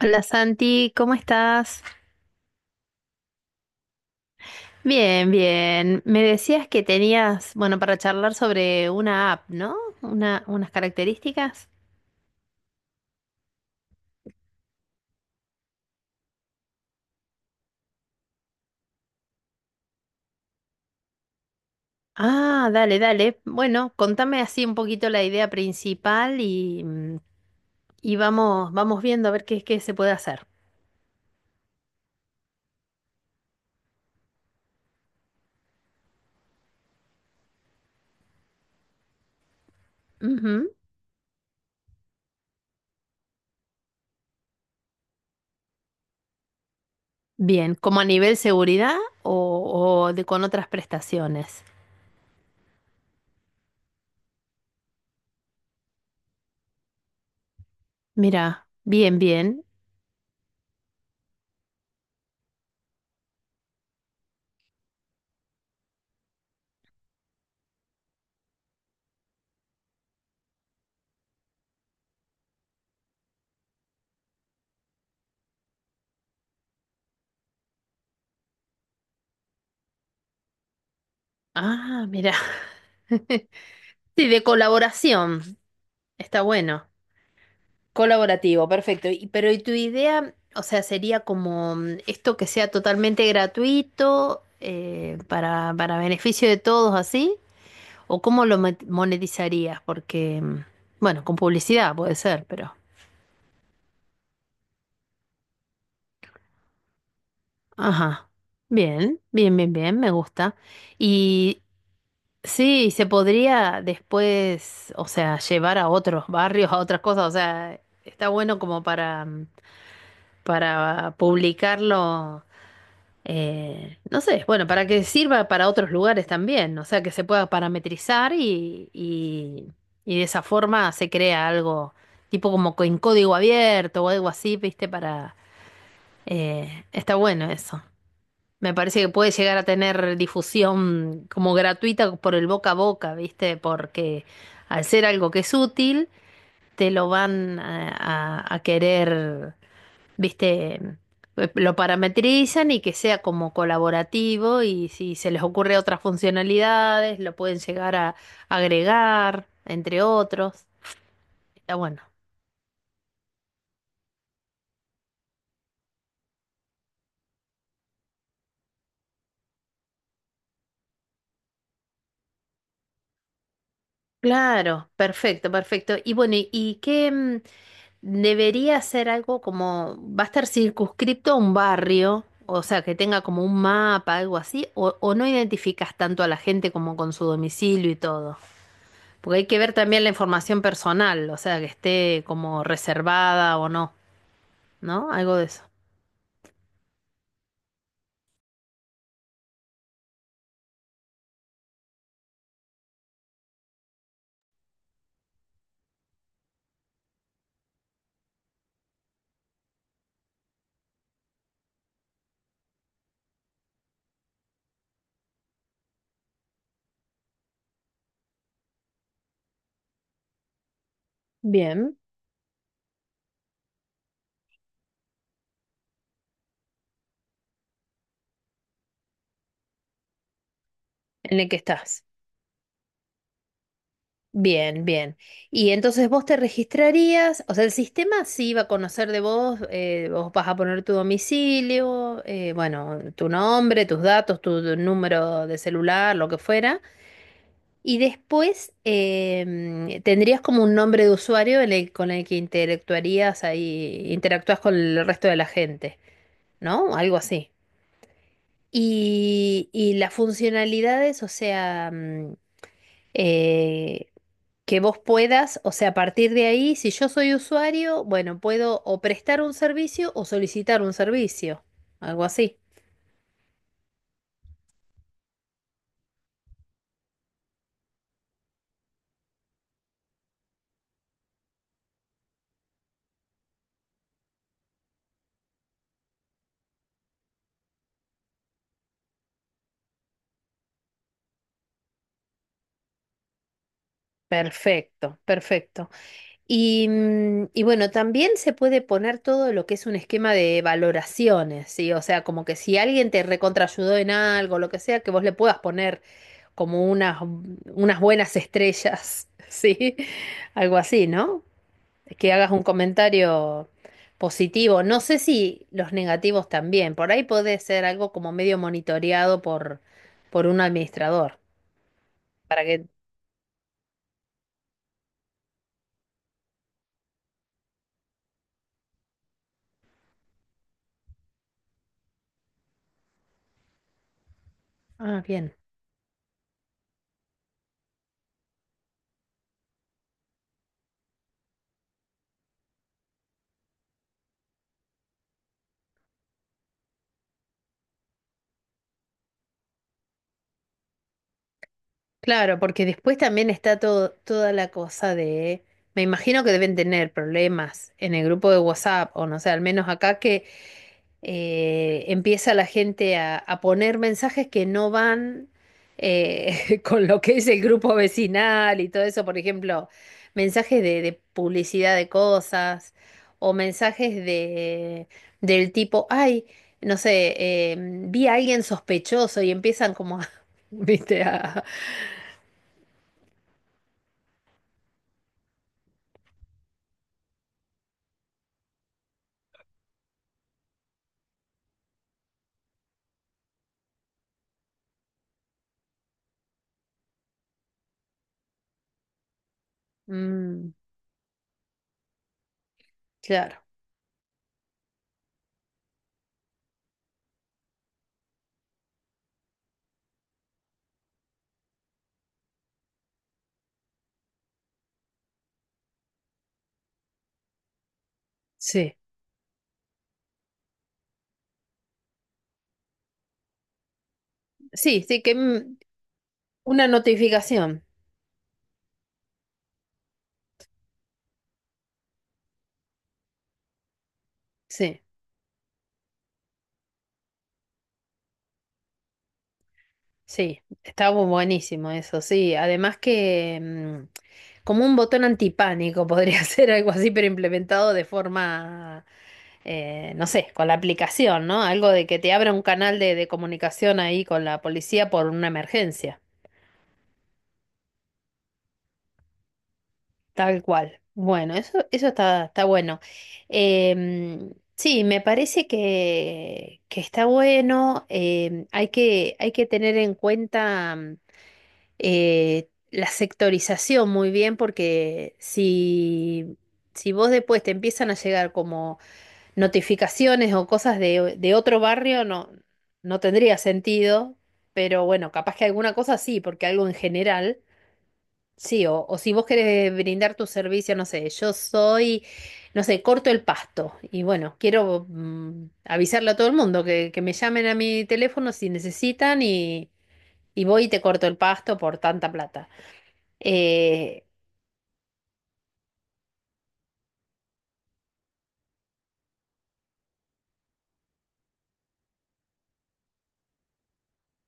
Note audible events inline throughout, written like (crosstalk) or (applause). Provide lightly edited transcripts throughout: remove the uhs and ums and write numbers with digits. Hola Santi, ¿cómo estás? Bien, bien. Me decías que tenías, bueno, para charlar sobre una app, ¿no? Unas características. Ah, dale, dale. Bueno, contame así un poquito la idea principal y, y vamos viendo a ver qué se puede hacer. Ujú. Bien, como a nivel seguridad o de con otras prestaciones. Mira, bien, bien. Ah, mira. (laughs) Sí, de colaboración. Está bueno. Colaborativo, perfecto. Y- pero ¿y tu idea, o sea, sería como esto que sea totalmente gratuito para beneficio de todos así? ¿O cómo lo mo- monetizarías? Porque, bueno, con publicidad puede ser, pero... Ajá. Bien, bien, bien, bien, me gusta. Y sí, se podría después, o sea, llevar a otros barrios, a otras cosas, o sea, está bueno como para, para publicarlo. No sé, bueno, para que sirva para otros lugares también, o sea, que se pueda parametrizar y de esa forma se crea algo tipo como co- en código abierto o algo así, ¿viste? Para... está bueno eso. Me parece que puede llegar a tener difusión como gratuita por el boca a boca, ¿viste? Porque al ser algo que es útil, te lo van a querer viste, lo parametrizan y que sea como colaborativo y si se les ocurre otras funcionalidades, lo pueden llegar a agregar, entre otros. Ah, bueno, claro, perfecto, perfecto. Y bueno, y qué debería ser algo como, va a estar circunscripto a un barrio? O sea, que tenga como un mapa, algo así, o no identificas tanto a la gente como con su domicilio y todo. Porque hay que ver también la información personal, o sea, que esté como reservada o no, ¿no? Algo de eso. Bien, en el que estás. Bien, bien. Y entonces vos te registrarías, o sea, el sistema sí va a conocer de vos, vos vas a poner tu domicilio, bueno, tu nombre, tus datos, tu número de celular, lo que fuera. Y después em, tendrías como un nombre de usuario en el- con el que interactuarías ahí, interactúas con el resto de la gente. ¿No? Algo así. Y las funcionalidades, o sea, eh, que vos puedas, o sea, a partir de ahí, si yo soy usuario, bueno, puedo o prestar un servicio o solicitar un servicio, algo así. Perfecto, perfecto. Y, y bueno, también se puede poner todo lo que es un esquema de valoraciones, ¿sí? O sea, como que si alguien te recontraayudó en algo, lo que sea, que vos le puedas poner como unas buenas estrellas, (laughs) ¿sí? Algo así, ¿no? Que hagas un comentario positivo. No sé si los negativos también. Por ahí puede ser algo como medio monitoreado por un administrador. Para que. Ah, bien. Claro, porque después también está todo, toda la cosa de. Me imagino que deben tener problemas en el grupo de WhatsApp, o no sé, al menos acá que empieza la gente a poner mensajes que no van (laughs) con lo que es el grupo vecinal y todo eso, por ejemplo, mensajes de publicidad de cosas o mensajes de, del tipo, ay, no sé, vi a alguien sospechoso y empiezan como a, (laughs) viste, a... mm, claro, sí, sí, sí, que una notificación, sí. Sí, está bu- buenísimo eso, sí. Además que como un botón antipánico podría (laughs) ser algo así, pero implementado de forma, no sé, con la aplicación, ¿no? Algo de que te abra un canal de comunicación ahí con la policía por una emergencia, tal cual. Bueno, eso está, está bueno. Em, sí, me parece que está bueno. Em, hay hay que tener en cuenta. Eh, la sectorización muy bien, porque si, si vos después te empiezan a llegar como notificaciones o cosas de otro barrio, no, no tendría sentido, pero bueno, capaz que alguna cosa sí, porque algo en general. Sí, o si vos querés brindar tu servicio, no sé, yo soy, no sé, corto el pasto y bueno, quiero avisarle a todo el mundo que me llamen a mi teléfono si necesitan y voy y te corto el pasto por tanta plata. Eh,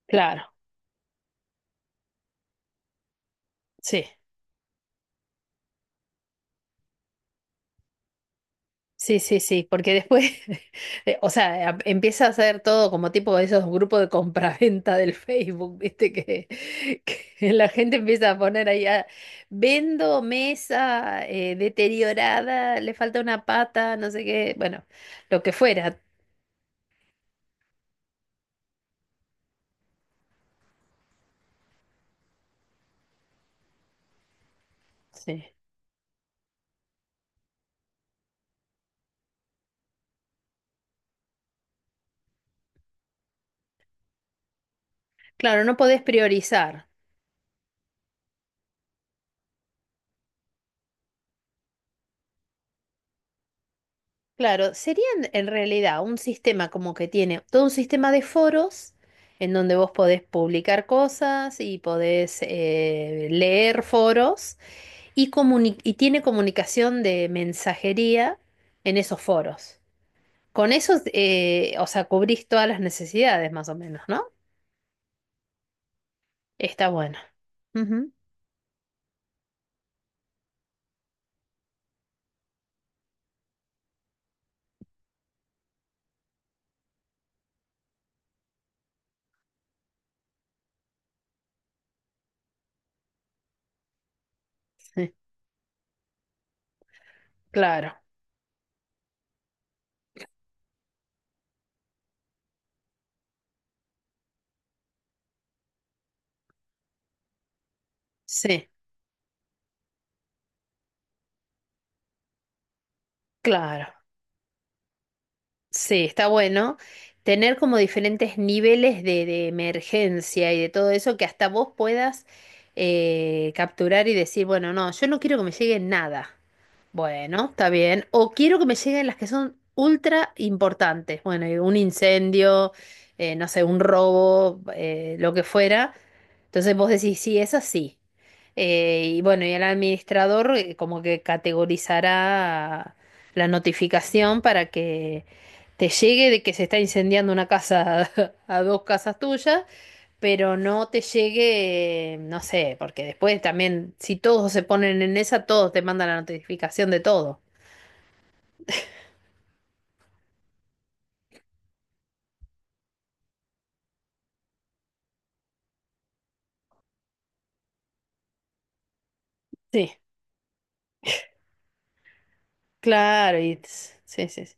claro, sí, sí, porque después, (laughs) o sea, a- empieza a hacer todo como tipo de esos grupos de compraventa del Facebook, ¿viste? Que, (laughs) que la gente empieza a poner ahí, ah, vendo mesa deteriorada, le falta una pata, no sé qué, bueno, lo que fuera, sí. Claro, no podés priorizar. Claro, serían en realidad un sistema como que tiene todo un sistema de foros en donde vos podés publicar cosas y podés leer foros comuni- y tiene comunicación de mensajería en esos foros. Con eso, o sea, cubrís todas las necesidades más o menos, ¿no? Está bueno. Ujú, sí, claro, sí, claro. Sí, está bueno tener como diferentes niveles de emergencia y de todo eso que hasta vos puedas capturar y decir, bueno, no, yo no quiero que me llegue nada. Bueno, está bien. O quiero que me lleguen las que son ultra importantes. Bueno, y un incendio, no sé, un robo, lo que fuera. Entonces vos decís, sí, es así. Y bueno, y el administrador como que categorizará la notificación para que te llegue de que se está incendiando una casa (laughs) a dos casas tuyas, pero no te llegue, no sé, porque después también, si todos se ponen en esa, todos te mandan la notificación de todo. Sí, claro, y sí, sí. Sí.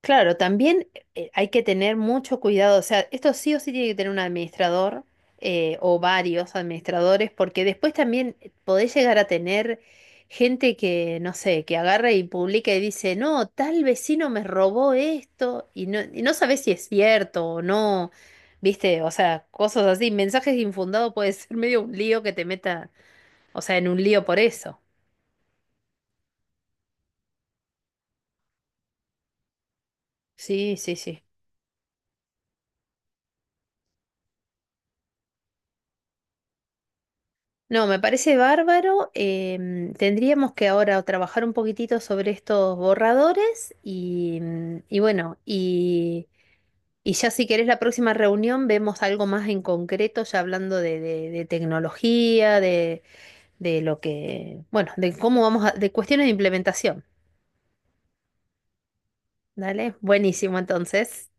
Claro, también hay que tener mucho cuidado, o sea, esto sí o sí tiene que tener un administrador o varios administradores, porque después también podés llegar a tener gente que, no sé, que agarra y publica y dice, no, tal vecino me robó esto, y no sabés si es cierto o no, viste, o sea, cosas así, mensajes infundados puede ser medio un lío que te meta, o sea, en un lío por eso. Sí, sí, sí. No, me parece bárbaro. Em, tendríamos que ahora trabajar un poquitito sobre estos borradores y, y bueno, y ya si querés la próxima reunión vemos algo más en concreto, ya hablando de tecnología, de lo que, bueno, de cómo vamos a, de cuestiones de implementación. Dale, buenísimo entonces.